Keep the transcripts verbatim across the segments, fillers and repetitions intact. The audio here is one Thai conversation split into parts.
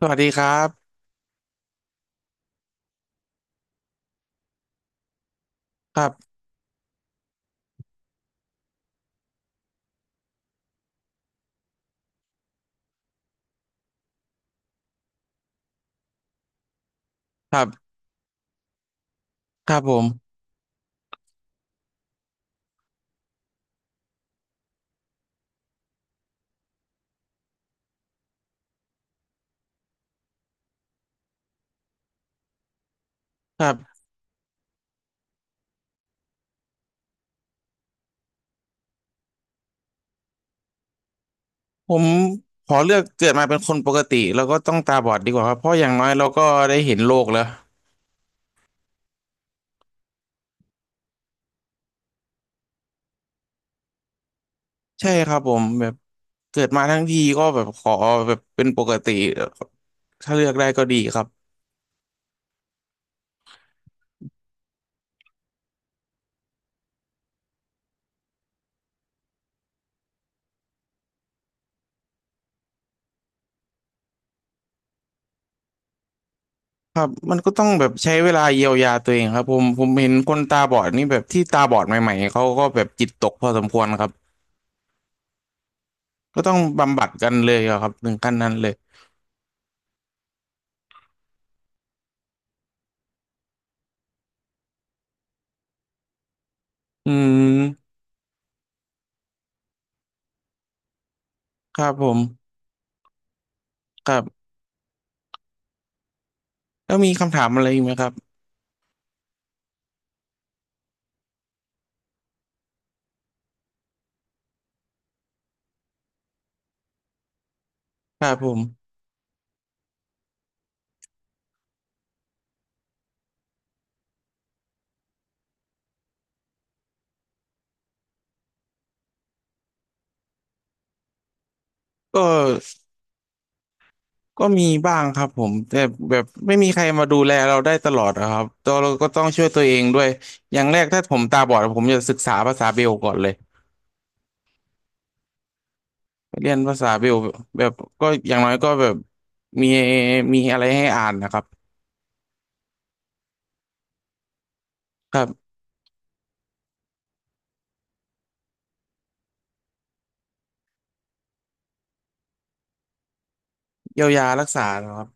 สวัสดีครับครับครับครับผมครับผมขอเลือกเกิดมาเป็นคนปกติแล้วก็ต้องตาบอดดีกว่าครับเพราะอย่างน้อยเราก็ได้เห็นโลกแล้วใช่ครับผมแบบเกิดมาทั้งทีก็แบบขอแบบเป็นปกติถ้าเลือกได้ก็ดีครับครับมันก็ต้องแบบใช้เวลาเยียวยาตัวเองครับผมผมเห็นคนตาบอดนี่แบบที่ตาบอดใหม่ๆเขาก็แบบจิตตกพอสมควรครับก็ต้องบำบัดกันเลยอะครับถึงขั้นนั้นเลยอืมครับผมครับแล้วมีคำถามอะไรอีกไหมครับ ครับผมก็ก็มีบ้างครับผมแต่แบบไม่มีใครมาดูแลเราได้ตลอดอะครับตัวเราก็ต้องช่วยตัวเองด้วยอย่างแรกถ้าผมตาบอดผมจะศึกษาภาษาเบลก่อนเลยเรียนภาษาเบลแบบก็อย่างน้อยก็แบบมีมีอะไรให้อ่านนะครับครับเยียวยารักษานะครับ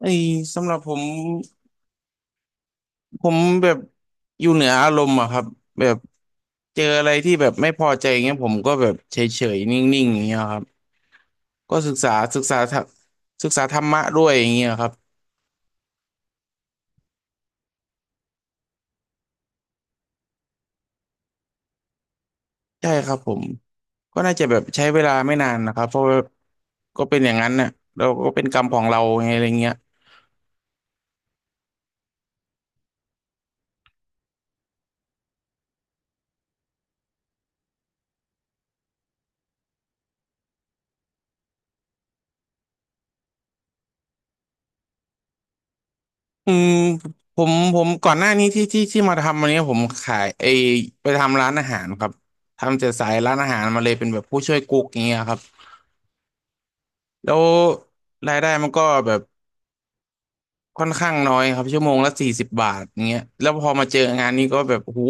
ไอ้สำหรับผมผมแบบอยู่เหนืออารมณ์อะครับแบบเจออะไรที่แบบไม่พอใจอย่างเงี้ยผมก็แบบเฉยๆนิ่งๆอย่างเงี้ยครับ ก็ศึกษาศึกษาธรรมศึกษาธรรมะด้วยอย่างเงี้ยครับใช่ครับผมก็น่าจะแบบใช้เวลาไม่นานนะครับเพราะว่าก็เป็นอย่างนั้นเนี่ยเราก็เป็นกรรมของเราไงอะไรเงี้ยอืมผมผมก่อนหน้านี้ที่ที่ที่มาทำวันนี้ผมขายไอไปทำร้านอาหารครับทำจากสายร้านอาหารมาเลยเป็นแบบผู้ช่วยกุ๊กอย่างเงี้ยครับแล้วรายได้มันก็แบบ ค่อนข้างน้อยครับชั่วโมงละสี่สิบบาทอย่างเงี้ยแล้วพอมาเจองานนี้ก็แบบโอ้โห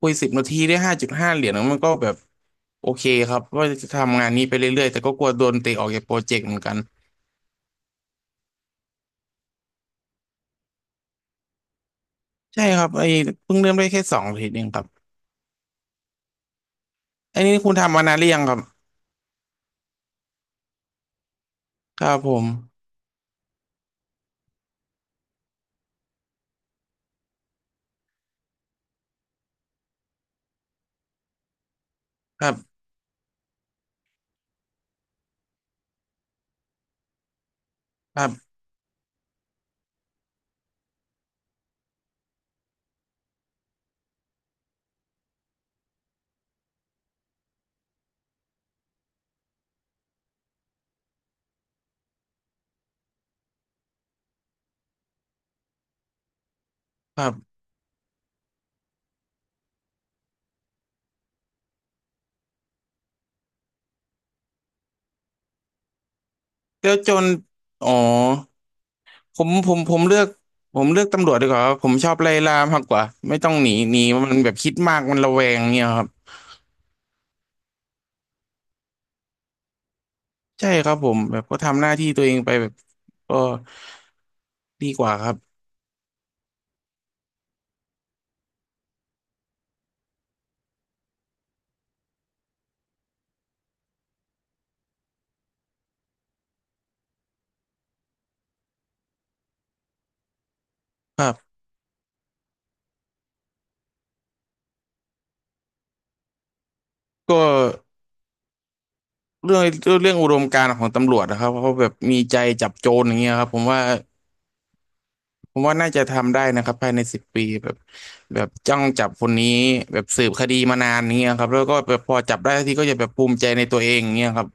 คุยสิบนาทีได้ห้าจุดห้าเหรียญมันก็แบบโอเคครับว่าจะทำงานนี้ไปเรื่อยๆแต่ก็กลัวโดนเตะออกจากโปรเจกต์เหมือนกันใช่ครับไอ้เพิ่งเริ่มได้แค่สองอาทิตย์เองครับอันนี้คุณทำมานานหรือยังครับครับผมครับครับครับแล้วจนอ๋อผมผมผมเลือกผมเลือกตำรวจดีกว่าครับผมชอบไล่ล่ามากกว่าไม่ต้องหนีหนีมันแบบคิดมากมันระแวงเนี่ยครับ ใช่ครับผมแบบก็ทำหน้าที่ตัวเองไปแบบก็ดีกว่าครับครับก็เรื่องเรื่องอุดมการณ์ของตำรวจนะครับเขาแบบมีใจจับโจรอย่างเงี้ยครับผมว่าผมว่าน่าจะทำได้นะครับภายในสิบปีแบบแบบจ้องจับคนนี้แบบสืบคดีมานานอย่างเงี้ยครับแล้วก็แบบพอจับได้ทีก็จะแบบภูมิใจในตัวเองอย่างเงี้ยครับ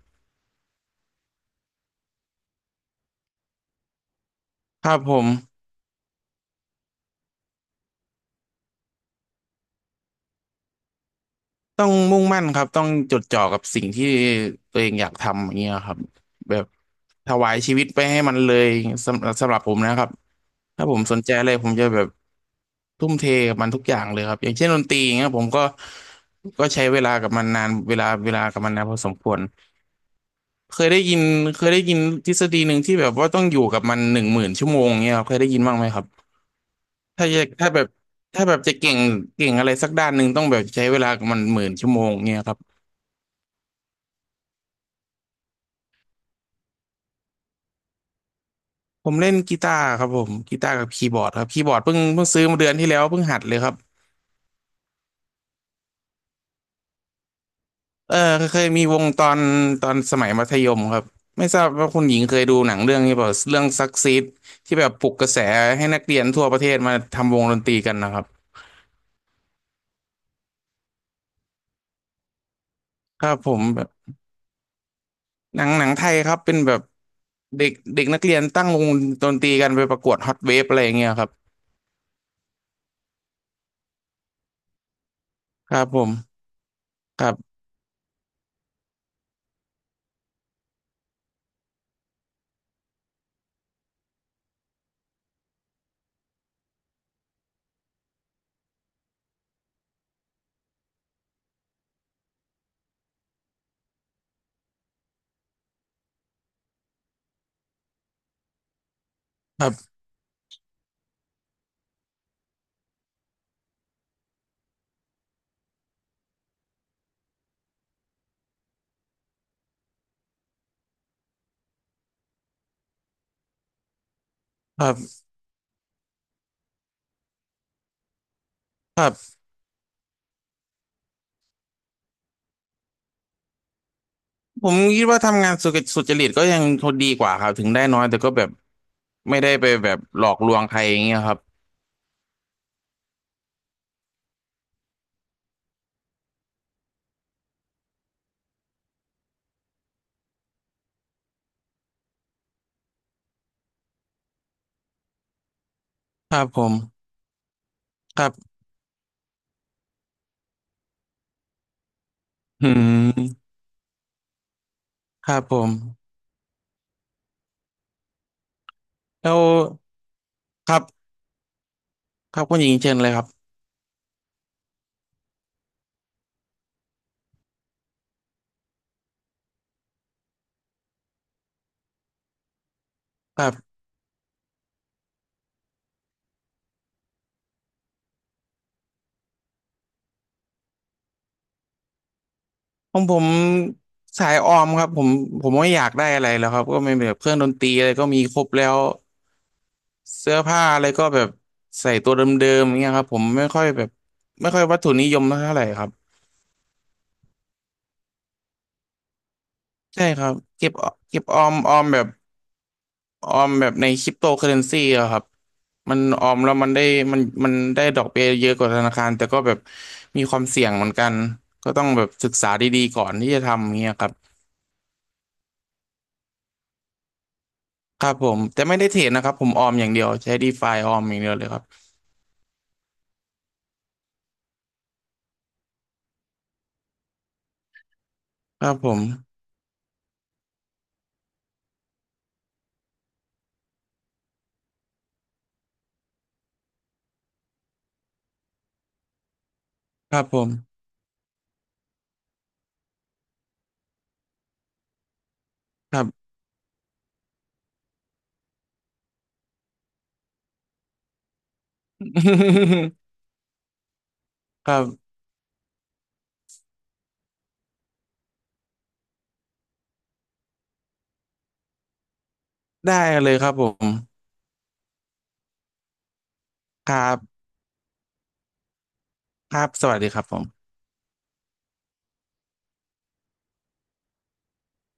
ครับผม ต้องมุ่งมั่นครับต้องจดจ่อกับสิ่งที่ตัวเองอยากทำอย่างเงี้ยครับแบบถวายชีวิตไปให้มันเลยสำสำหรับผมนะครับถ้าผมสนใจอะไรผมจะแบบทุ่มเทกับมันทุกอย่างเลยครับอย่างเช่นดนตรีอย่างเงี้ยผมก็ก็ใช้เวลากับมันนานเวลาเวลากับมันนานพอสมควรเคยได้ยินเคยได้ยินทฤษฎีหนึ่งที่แบบว่าต้องอยู่กับมันหนึ่งหมื่นชั่วโมงเงี้ยครับเคยได้ยินบ้างไหมครับถ้าจะถ้าแบบถ้าแบบจะเก่งเก่งอะไรสักด้านหนึ่งต้องแบบใช้เวลากับมันหมื่นชั่วโมงเงี้ยครับ ผมเล่นกีตาร์ครับผมกีตาร์กับคีย์บอร์ดครับคีย์บอร์ดเพิ่งเพิ่งซื้อมาเดือนที่แล้วเพิ่งหัดเลยครับเออเคยมีวงตอนตอนสมัยมัธยมครับไม่ทราบว่าคุณหญิงเคยดูหนังเรื่องนี้เปล่าเรื่องซักซีดที่แบบปลุกกระแสให้นักเรียนทั่วประเทศมาทำวงดนตรีกันนะครับครับผมแบบหนังหนังไทยครับเป็นแบบเด็กเด็กนักเรียนตั้งวงดนตรีกันไปประกวดฮอตเวฟอะไรอย่างเงี้ยครับครับผมครับครับครับครับผมคิดว่าทำงานสุจริตสุจริตก็ยังดีกว่าครับถึงได้น้อยแต่ก็แบบ ไม่ได้ไปแบบหลอกลวงใครอย่างเงี้ยครับ ครับผมครับอืมครับผมแล้วครับครับคุณหญิงเชิญเลยครับครับของผมสายออมครับผมผมไม่อยากได้อะไรแล้วครับก็ไม่แบบเครื่องดนตรีอะไรก็มีครบแล้วเสื้อผ้าอะไรก็แบบใส่ตัวเดิมๆอย่างเงี้ยครับผมไม่ค่อยแบบไม่ค่อยวัตถุนิยมเท่าไหร่ครับใช่ครับเก็บเก็บออมออมแบบ ออมแบบในคริปโตเคอเรนซีอะครับมันออมแล้วมันได้มันมันได้ดอกเบี้ยเยอะกว่าธนาคารแต่ก็แบบมีความเสี่ยงเหมือนกันก็ต้องแบบศึกษาดีๆก่อนที่จะทำอย่างเงี้ยครับครับผมแต่ไม่ได้เทรดนะครับผมออมอย่างเดียวใช้ดีฟาออมอย่างเดียวเลยครับครับผมครับผมครับ ครับได้เลยครับผมครับครับสวัสดีครับผม